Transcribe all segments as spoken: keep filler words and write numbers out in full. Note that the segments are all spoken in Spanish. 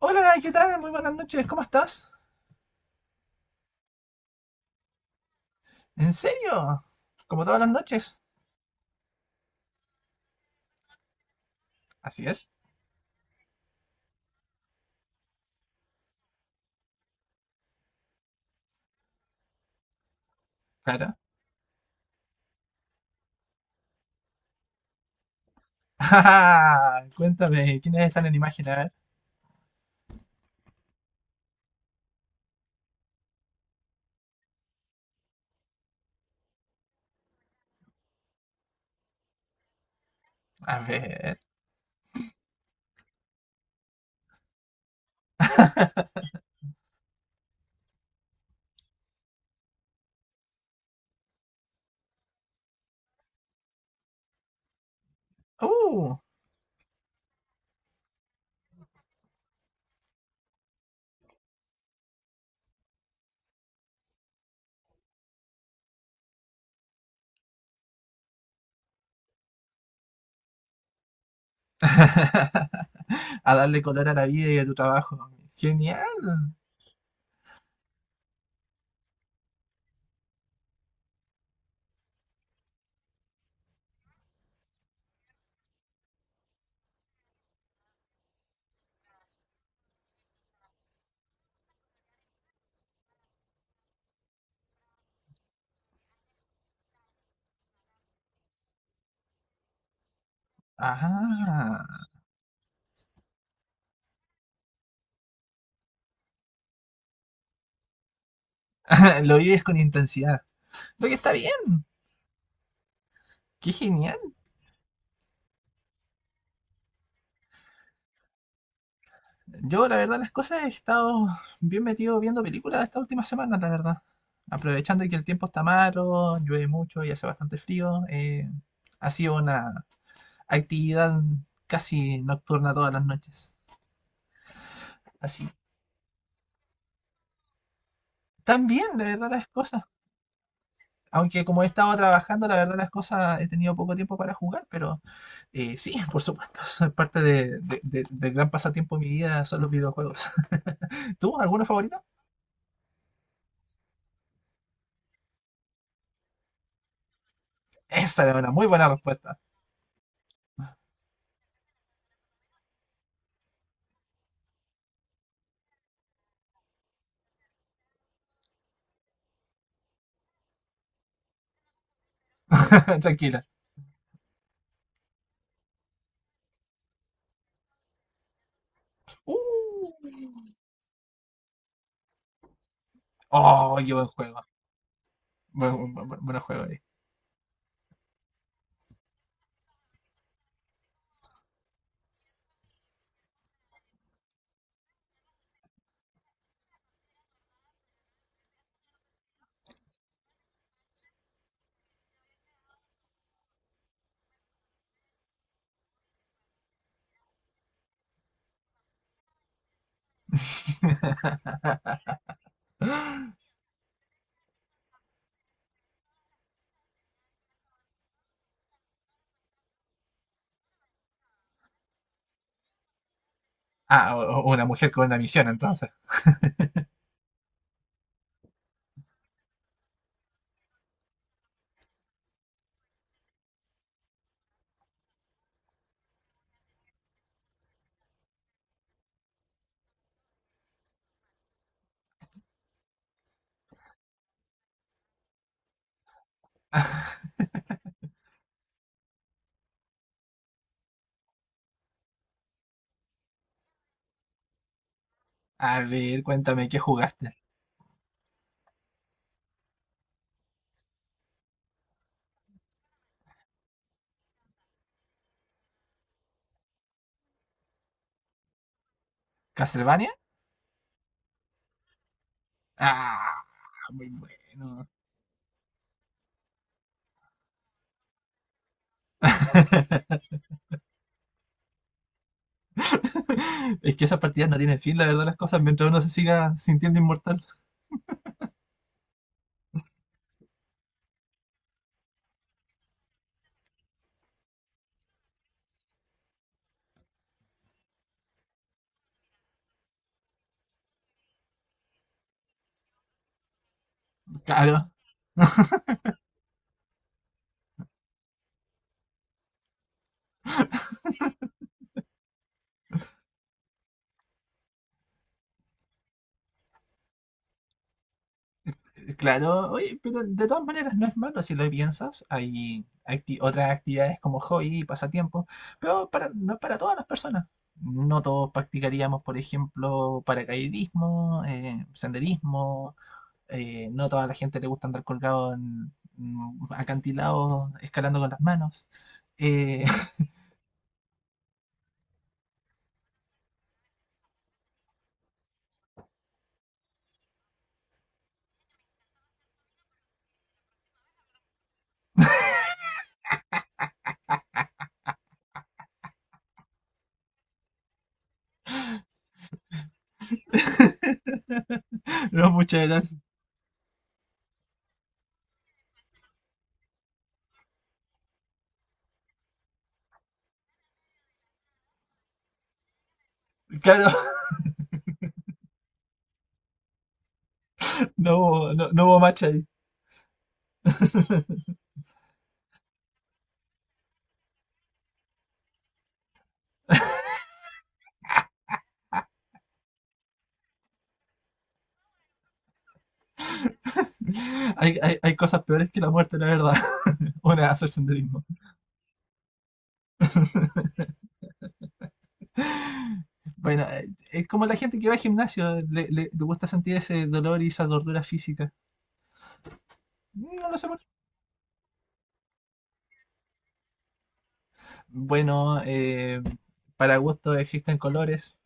Hola, ¿qué tal? Muy buenas noches, ¿cómo estás? ¿En serio? ¿Como todas las noches? Así es, claro. Ah, cuéntame, ¿quiénes están en imagen? A ver. A ver. Uh. A darle color a la vida y a tu trabajo. Genial. Ah, lo vives con intensidad. Lo que está bien. Qué genial. Yo, la verdad, las cosas, he estado bien metido viendo películas estas últimas semanas, la verdad. Aprovechando que el tiempo está malo, llueve mucho y hace bastante frío. Eh, ha sido una actividad casi nocturna todas las noches. Así. También la verdad, las cosas. Aunque como he estado trabajando, la verdad, las cosas, he tenido poco tiempo para jugar, pero eh, sí, por supuesto, es parte de- de- de- del gran pasatiempo de mi vida son los videojuegos. ¿Tú, alguna favorita? Esa era una muy buena respuesta. Tranquila. Uh. Oh, qué buen juego. Buen, buen- buen- buen juego ahí. Ah, o- o una mujer con una misión, entonces. A ver, cuéntame, ¿qué jugaste? ¿Castlevania? Ah, muy bueno. Es que esas partidas no tienen fin, la verdad, las cosas, mientras uno se siga sintiendo inmortal. Claro. Claro, oye, pero de todas maneras no es malo si lo piensas. Hay acti- otras actividades como hobby y pasatiempos, pero para, no es para todas las personas. No todos practicaríamos, por ejemplo, paracaidismo, eh, senderismo. Eh, no toda la gente le gusta andar colgado en mm, acantilados, escalando con las manos. Eh, no, muchas gracias. Claro, no hubo, no, no hubo match ahí. Hay, hay, hay cosas peores que la muerte, la verdad. Una, hacer senderismo. Bueno, eh, es como la gente que va al gimnasio, le, le- le gusta sentir ese dolor y esa tortura física. No lo sé por qué. Bueno, eh, para gusto existen colores.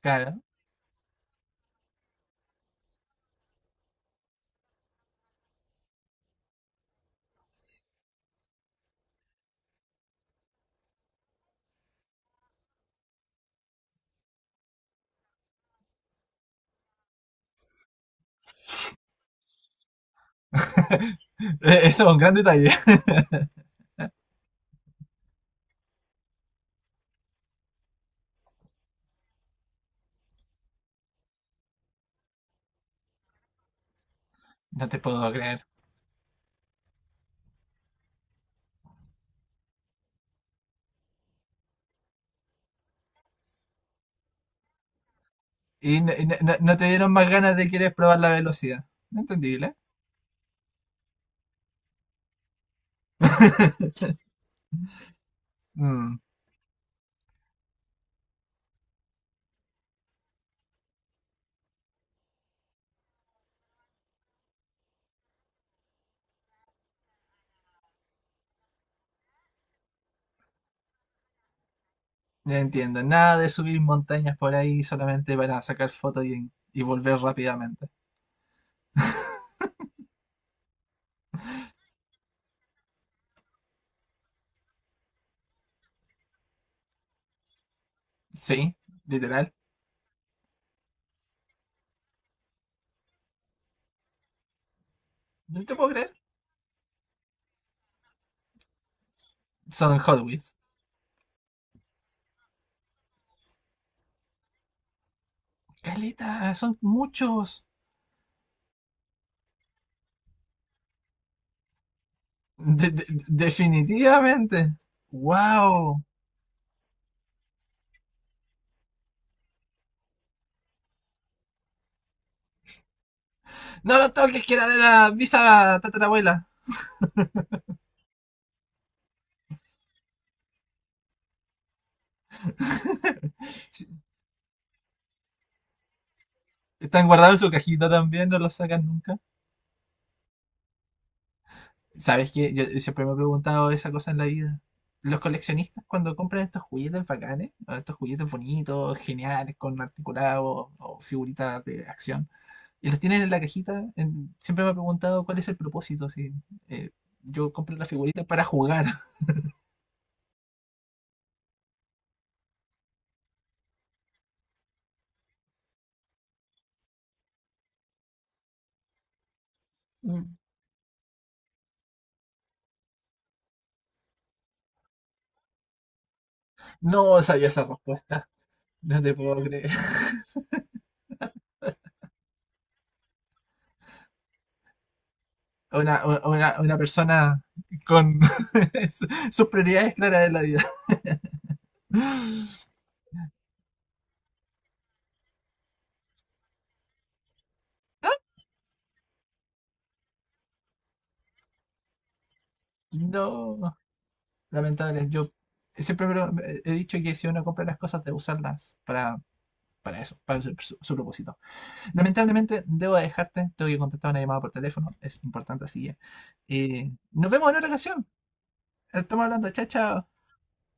Claro, eso es un gran detalle. No te puedo creer. Y n- n- n- no no te dieron más ganas de querer probar la velocidad. Entendible. Mm, ya entiendo. Nada de subir montañas por ahí solamente para sacar fotos y, y volver rápidamente. Sí, literal. No te puedo creer. Son Hot Wheels. Caleta, son muchos. De- de- definitivamente. Wow. No lo toques, que era de la visa tatarabuela. Están guardados en su cajita también, no los sacan nunca. ¿Sabes qué? Yo siempre me he preguntado esa cosa en la vida. Los coleccionistas cuando compran estos juguetes bacanes, o estos juguetes bonitos, geniales, con articulados o figuritas de acción, y los tienen en la cajita, en- siempre me he preguntado cuál es el propósito. Si, eh, yo compro las figuritas para jugar. Mm. No sabía esa respuesta. No te puedo creer. Una, una, una persona con su- sus prioridades claras en la vida. No, lamentable. Yo siempre me lo- me- he dicho que si uno compra las cosas, debe usarlas para, para eso, para su, su- su propósito. Lamentablemente, debo dejarte. Tengo que contestar una llamada por teléfono. Es importante, así que eh, nos vemos en otra ocasión. Estamos hablando. Chao, chao.